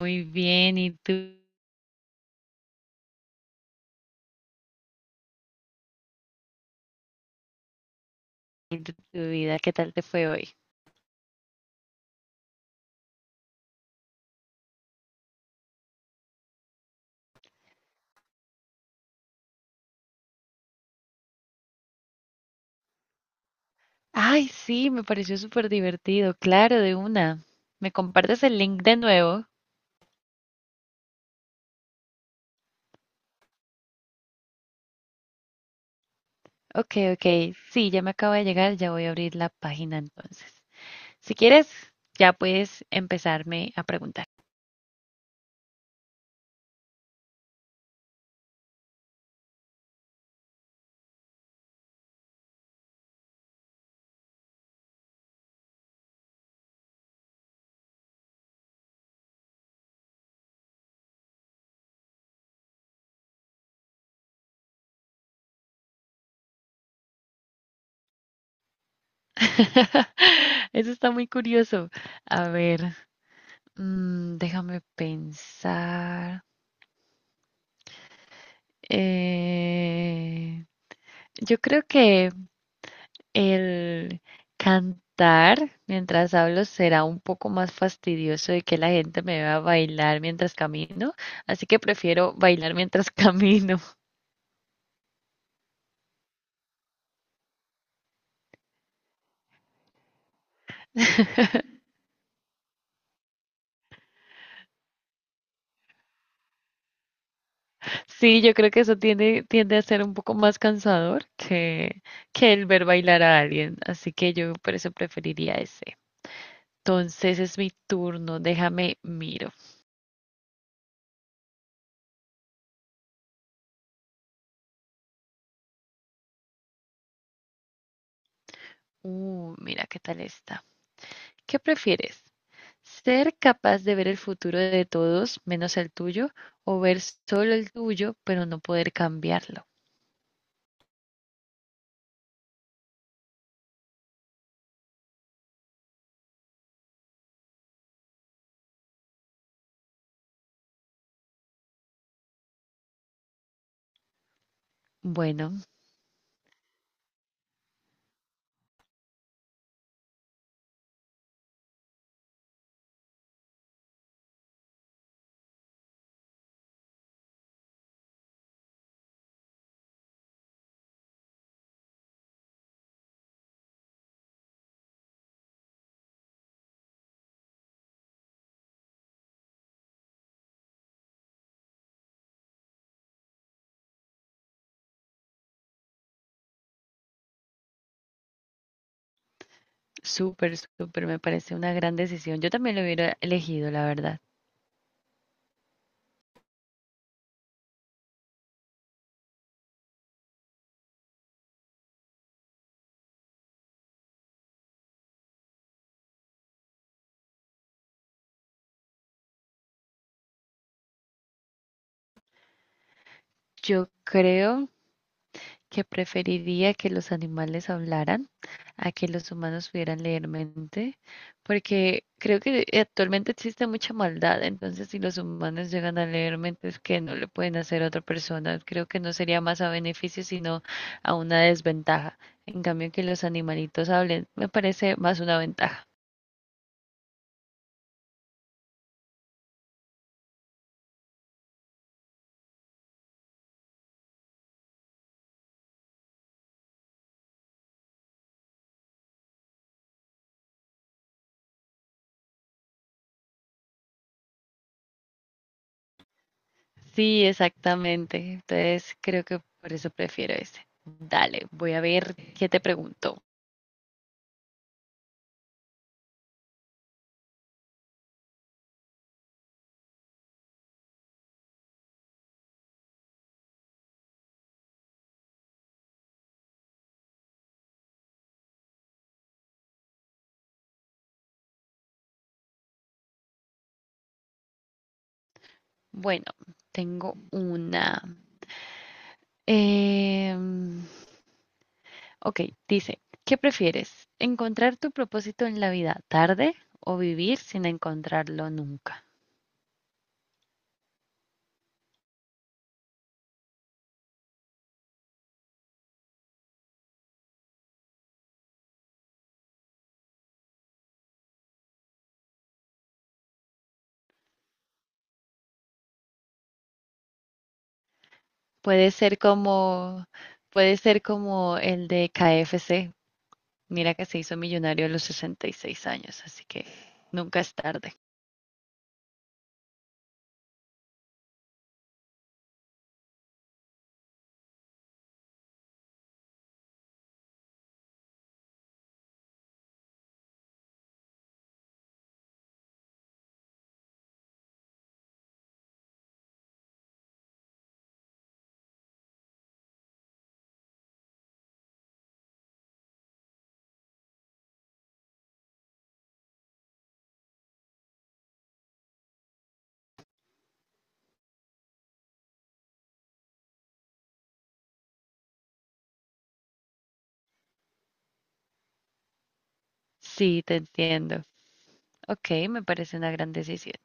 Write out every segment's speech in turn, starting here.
Muy bien, ¿y tú? ¿Y tu vida? ¿Qué tal te fue hoy? Ay, sí, me pareció súper divertido, claro, de una. ¿Me compartes el link de nuevo? Ok, ok, sí, ya me acaba de llegar, ya voy a abrir la página entonces. Si quieres, ya puedes empezarme a preguntar. Eso está muy curioso. A ver, déjame pensar. Eh, yo creo que el cantar mientras hablo será un poco más fastidioso de que la gente me vea bailar mientras camino, así que prefiero bailar mientras camino. Sí, yo creo que eso tiende a ser un poco más cansador que el ver bailar a alguien, así que yo por eso preferiría ese. Entonces es mi turno, déjame miro. Mira qué tal está. ¿Qué prefieres? Ser capaz de ver el futuro de todos menos el tuyo o ver solo el tuyo, pero no poder cambiarlo. Bueno, súper, súper, me parece una gran decisión. Yo también lo hubiera elegido, la verdad. Yo creo que preferiría que los animales hablaran a que los humanos pudieran leer mente, porque creo que actualmente existe mucha maldad, entonces si los humanos llegan a leer mentes que no le pueden hacer a otra persona, creo que no sería más a beneficio, sino a una desventaja. En cambio, que los animalitos hablen, me parece más una ventaja. Sí, exactamente. Entonces, creo que por eso prefiero ese. Dale, voy a ver qué te pregunto. Bueno, tengo una. Em, Ok, dice, ¿qué prefieres? ¿Encontrar tu propósito en la vida tarde o vivir sin encontrarlo nunca? Puede ser como, puede ser como el de KFC. Mira que se hizo millonario a los 66 años, así que nunca es tarde. Sí, te entiendo. Ok, me parece una gran decisión.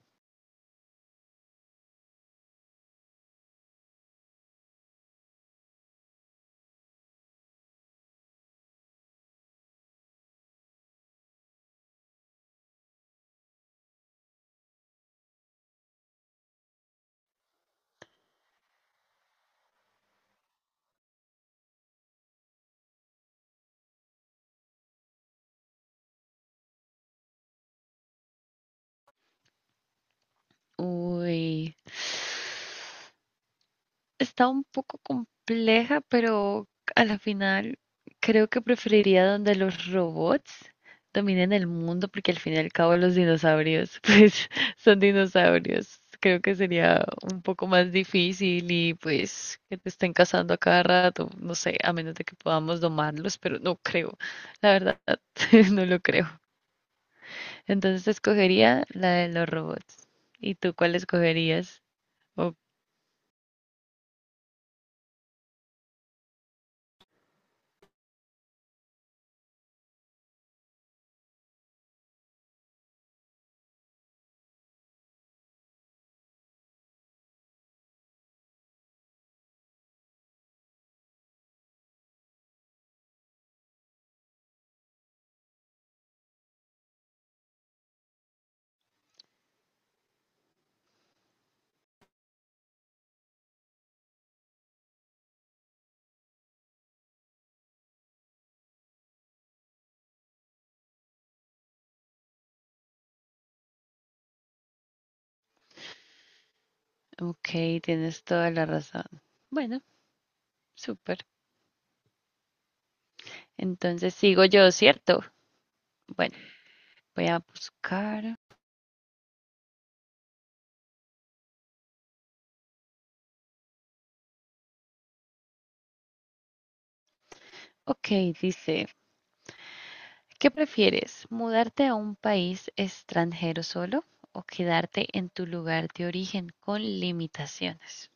Uy, está un poco compleja, pero a la final creo que preferiría donde los robots dominen el mundo, porque al fin y al cabo los dinosaurios, pues son dinosaurios. Creo que sería un poco más difícil y pues que te estén cazando a cada rato, no sé, a menos de que podamos domarlos, pero no creo, la verdad, no lo creo. Entonces escogería la de los robots. ¿Y tú cuál escogerías? O- Ok, tienes toda la razón. Bueno, súper. Entonces sigo yo, ¿cierto? Bueno, voy a buscar. Ok, dice. ¿Qué prefieres? ¿Mudarte a un país extranjero solo o quedarte en tu lugar de origen con limitaciones?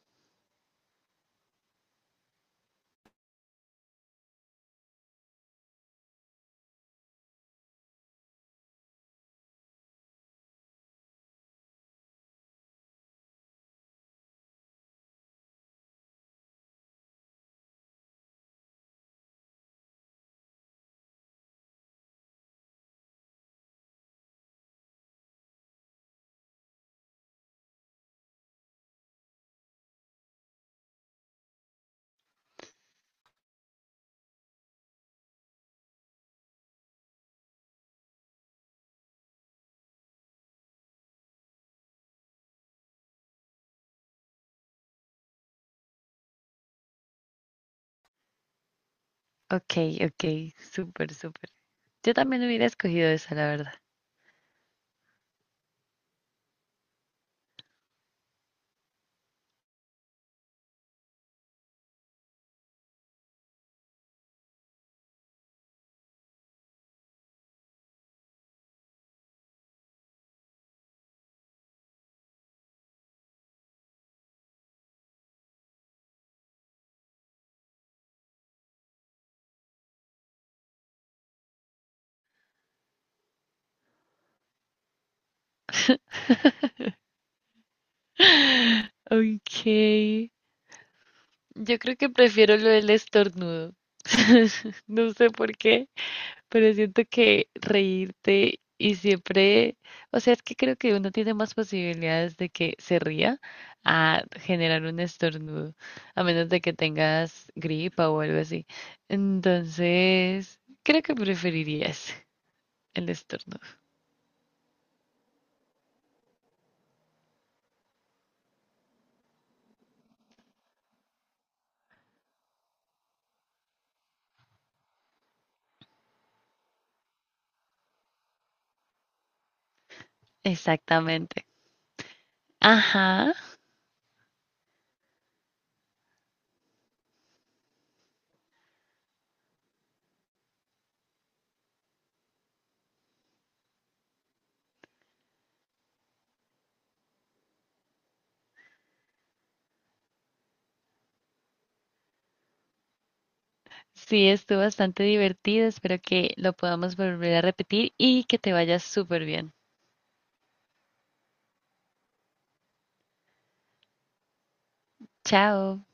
Ok, ok, súper, súper. Yo también hubiera escogido esa, la verdad. Ok, yo creo que prefiero lo del estornudo. No sé por qué. Pero siento que reírte y siempre, o sea, es que creo que uno tiene más posibilidades de que se ría a generar un estornudo, a menos de que tengas gripa o algo así. Entonces, creo que preferirías el estornudo. Exactamente. Ajá. Sí, estuvo bastante divertido. Espero que lo podamos volver a repetir y que te vayas súper bien. Chao.